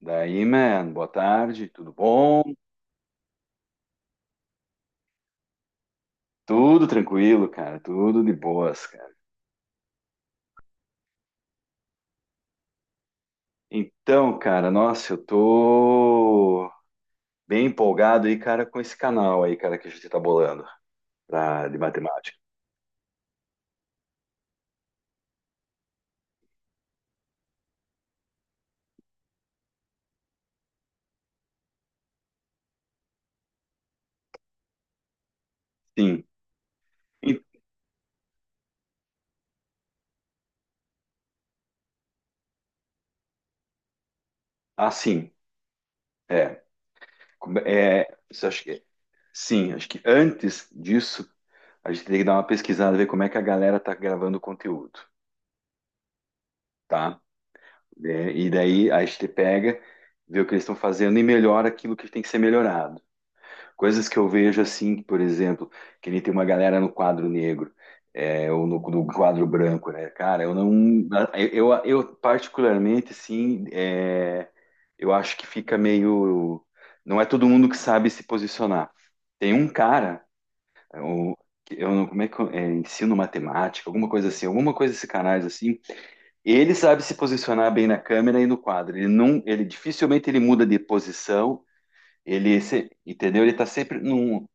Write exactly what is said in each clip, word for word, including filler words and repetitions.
Daí, man, boa tarde, tudo bom? Tudo tranquilo, cara, tudo de boas, cara. Então, cara, nossa, eu tô bem empolgado aí, cara, com esse canal aí, cara, que a gente tá bolando pra- de matemática. Sim, E- ah, sim, é. Como- É, isso acho que, sim, acho que antes disso, a gente tem que dar uma pesquisada, ver como é que a galera tá gravando o conteúdo, tá? É, e daí a gente pega, vê o que eles estão fazendo e melhora aquilo que tem que ser melhorado. Coisas que eu vejo assim, por exemplo, que ele tem uma galera no quadro negro, é, ou no, no quadro branco, né? Cara, eu não. Eu, eu, particularmente, assim, é, eu acho que fica meio. Não é todo mundo que sabe se posicionar. Tem um cara, é, o- que eu não, como é que eu, é, ensino matemática, alguma coisa assim, alguma coisa desse canais assim. Ele sabe se posicionar bem na câmera e no quadro. Ele não, ele dificilmente ele muda de posição. Ele, se- Entendeu? Ele tá sempre num.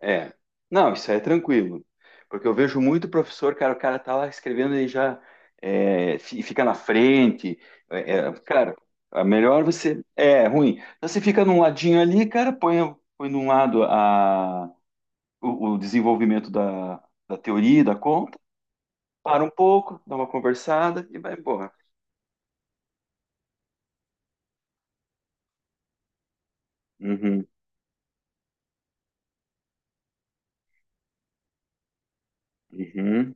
É. Não, isso aí é tranquilo. Porque eu vejo muito professor, cara, o cara tá lá escrevendo e já é, fi- fica na frente. É, é, cara, é melhor você. É ruim. Então você fica num ladinho ali, cara, põe, põe de um lado a, o, o desenvolvimento da, da teoria, da conta, para um pouco, dá uma conversada e vai embora. Uhum, uhum.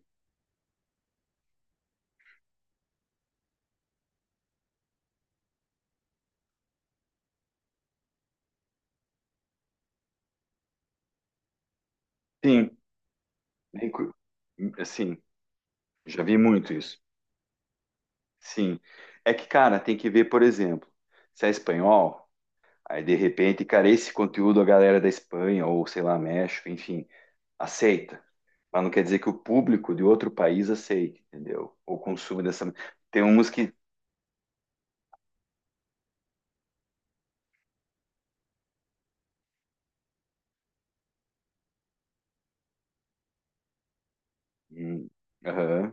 Sim, bem cu- assim, já vi muito isso. Sim. É que, cara, tem que ver, por exemplo, se é espanhol. Aí, de repente, cara, esse conteúdo a galera da Espanha ou, sei lá, México, enfim, aceita. Mas não quer dizer que o público de outro país aceite, entendeu? Ou consuma dessa. Tem uns que. Hum. Aham,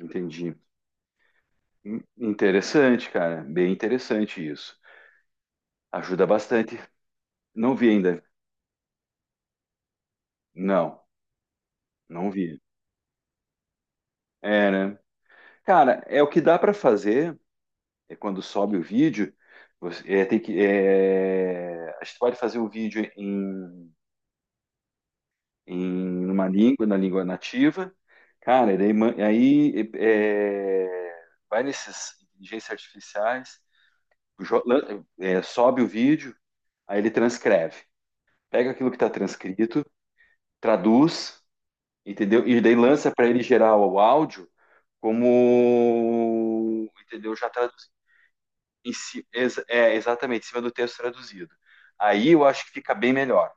entendi. Hum, Interessante, cara. Bem interessante isso. Ajuda bastante. Não vi ainda. Não, não vi. É, né? Cara, é o que dá para fazer é quando sobe o vídeo. Você, é, tem que, é, a gente pode fazer o vídeo em em uma língua, na língua nativa. Cara, e daí, ma- aí é, vai nesses inteligências artificiais, jo- lan- é, sobe o vídeo, aí ele transcreve. Pega aquilo que está transcrito, traduz, entendeu? E daí lança para ele gerar o áudio como, entendeu? Já traduzido. Em ci- ex- é, exatamente, em cima do texto traduzido. Aí eu acho que fica bem melhor.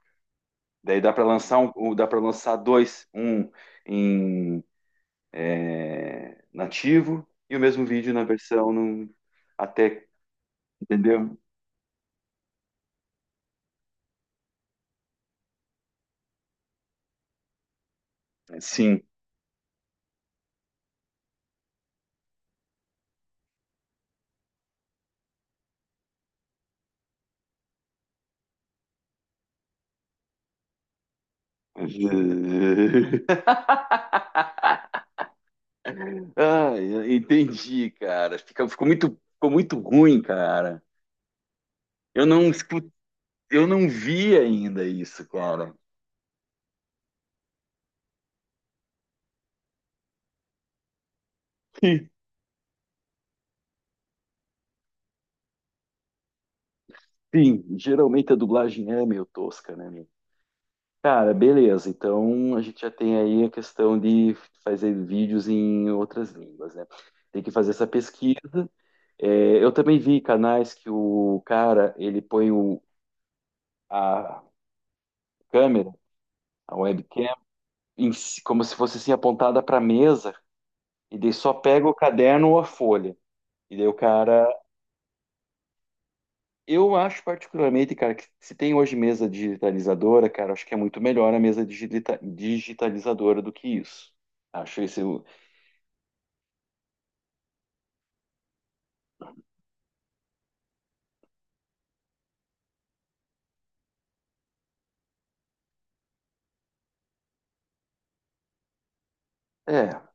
Daí dá para lançar um, um- dá para lançar dois, um em nativo e o mesmo vídeo na versão num- até, entendeu? Sim. Ai, entendi, cara. Fica- ficou muito, ficou muito ruim, cara. Eu não escu- eu não vi ainda isso, cara. Sim, sim, geralmente a dublagem é meio tosca, né, meu? Cara, beleza. Então a gente já tem aí a questão de fazer vídeos em outras línguas, né? Tem que fazer essa pesquisa. É, eu também vi canais que o cara, ele põe o, a câmera, a webcam, em si- como se fosse assim apontada para a mesa, e daí só pega o caderno ou a folha. E daí o cara, eu acho particularmente, cara, que se tem hoje mesa digitalizadora, cara, acho que é muito melhor a mesa digita- digitalizadora do que isso. Acho esse. o- É.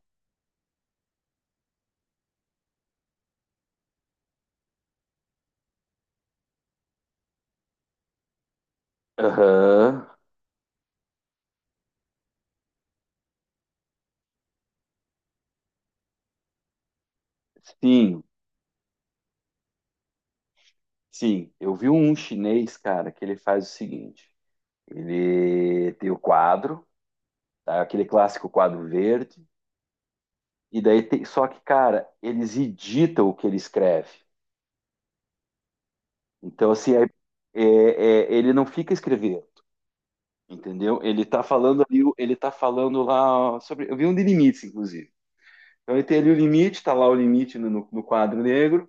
Aham. Sim, sim. Eu vi um chinês, cara, que ele faz o seguinte: ele tem o quadro. Tá? Aquele clássico quadro verde. E daí tem, só que, cara, eles editam o que ele escreve. Então, assim, é- é- é- ele não fica escrevendo, entendeu? Ele tá falando ali, o- ele tá falando lá sobre. Eu vi um de limites, inclusive. Então ele tem ali o limite, tá lá o limite no, no- no quadro negro.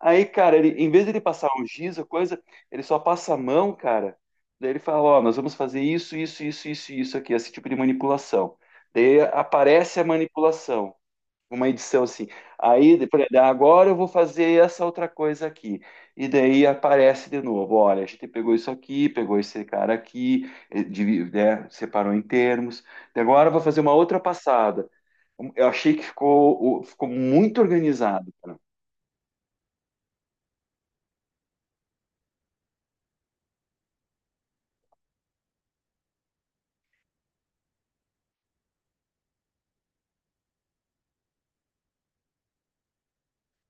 Aí, cara, ele, em vez de ele passar um giz ou coisa, ele só passa a mão, cara. Daí ele fala, ó, nós vamos fazer isso, isso, isso, isso, isso aqui, esse tipo de manipulação. Daí aparece a manipulação. Uma edição assim. Aí, por exemplo, agora eu vou fazer essa outra coisa aqui. E daí aparece de novo, olha, a gente pegou isso aqui, pegou esse cara aqui, eh, divi- né, separou em termos. E agora eu vou fazer uma outra passada. Hum, Eu achei que ficou, o- ficou muito organizado, cara.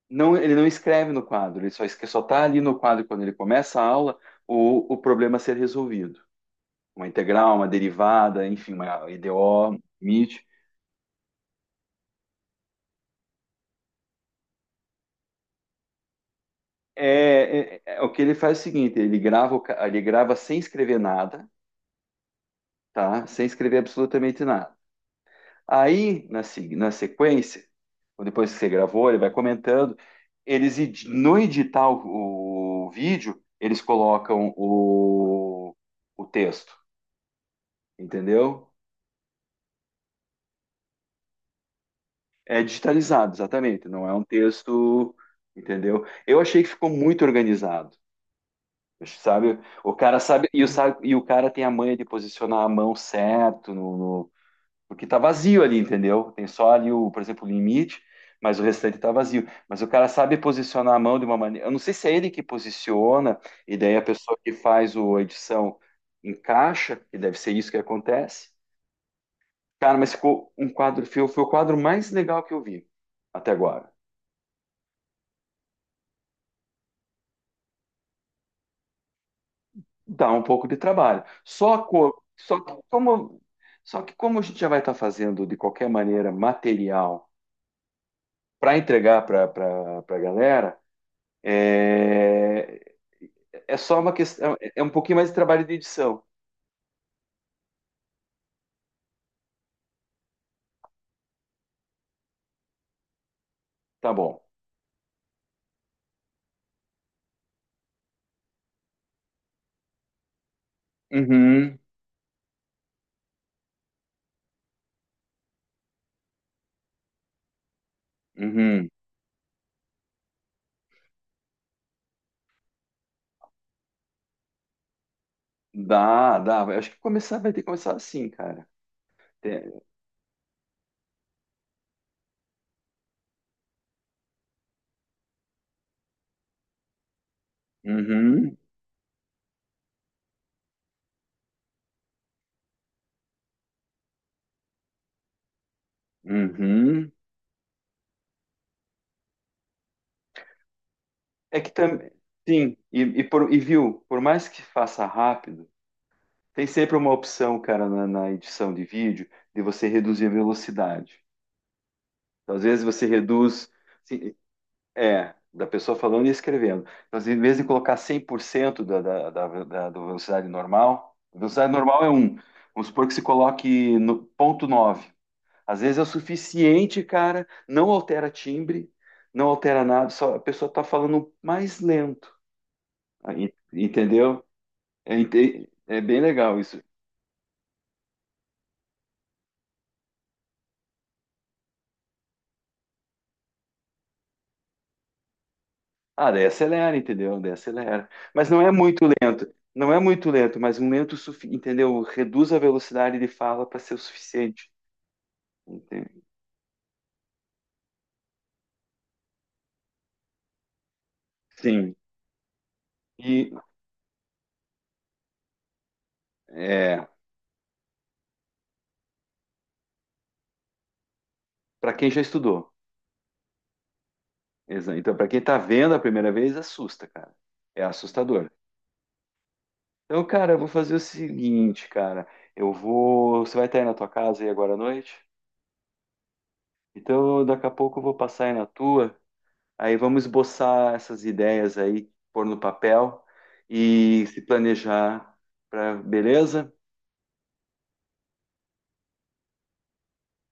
Não, ele não escreve no quadro, ele só esque- só está ali no quadro quando ele começa a aula o, o problema a ser resolvido. Uma integral, uma derivada, enfim, uma I D O, M I T. É, é- é- o que ele faz é o seguinte, ele grava, o ca- ele grava sem escrever nada, tá? Sem escrever absolutamente nada. Aí, na, se- na sequência, ou depois que você gravou, ele vai comentando, eles edi- no editar o, o vídeo, eles colocam o, o texto, entendeu? É digitalizado, exatamente, não é um texto, entendeu? Eu achei que ficou muito organizado. Sabe? O cara sabe e o, sa- e o cara tem a manha de posicionar a mão certo no, no- porque tá vazio ali, entendeu? Tem só ali o, por exemplo, o limite, mas o restante tá vazio. Mas o cara sabe posicionar a mão de uma maneira. Eu não sei se é ele que posiciona e daí a pessoa que faz o, a edição encaixa, e deve ser isso que acontece. Cara, mas ficou um quadro, foi, foi o quadro mais legal que eu vi até agora. Dá um pouco de trabalho. Só, co- só que como, só que como a gente já vai estar fazendo de qualquer maneira material para entregar para a galera, é, é, só uma questão, é é um pouquinho mais de trabalho de edição. Tá bom. Uhum, uhum. Dá, dá. Eu acho que começar vai ter que começar assim, cara. Tem- Uhum, uhum. É que também, sim, e, e por- e viu, por mais que faça rápido, tem sempre uma opção, cara, na, na edição de vídeo, de você reduzir a velocidade. Então, às vezes você reduz, assim, é, da pessoa falando e escrevendo. Então, às vezes, em vez de colocar cem por cento da, da, da, da- da velocidade normal, a velocidade normal é um. Vamos supor que se coloque no ponto nove. Às vezes é o suficiente, cara, não altera timbre, não altera nada, só a pessoa está falando mais lento. Aí, entendeu? É, ente- é bem legal isso. Ah, daí acelera, entendeu? Daí acelera. Mas não é muito lento, não é muito lento, mas um lento, sufi- entendeu? Reduz a velocidade de fala para ser o suficiente. Entende? Sim. E é, para quem já estudou. Exa- Então, para quem tá vendo a primeira vez, assusta, cara. É assustador. Então, cara, eu vou fazer o seguinte, cara. Eu vou. Você vai estar aí na tua casa aí agora à noite? Então, daqui a pouco eu vou passar aí na tua. Aí vamos esboçar essas ideias aí, pôr no papel e se planejar para, beleza?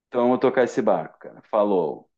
Então, eu vou tocar esse barco, cara. Falou.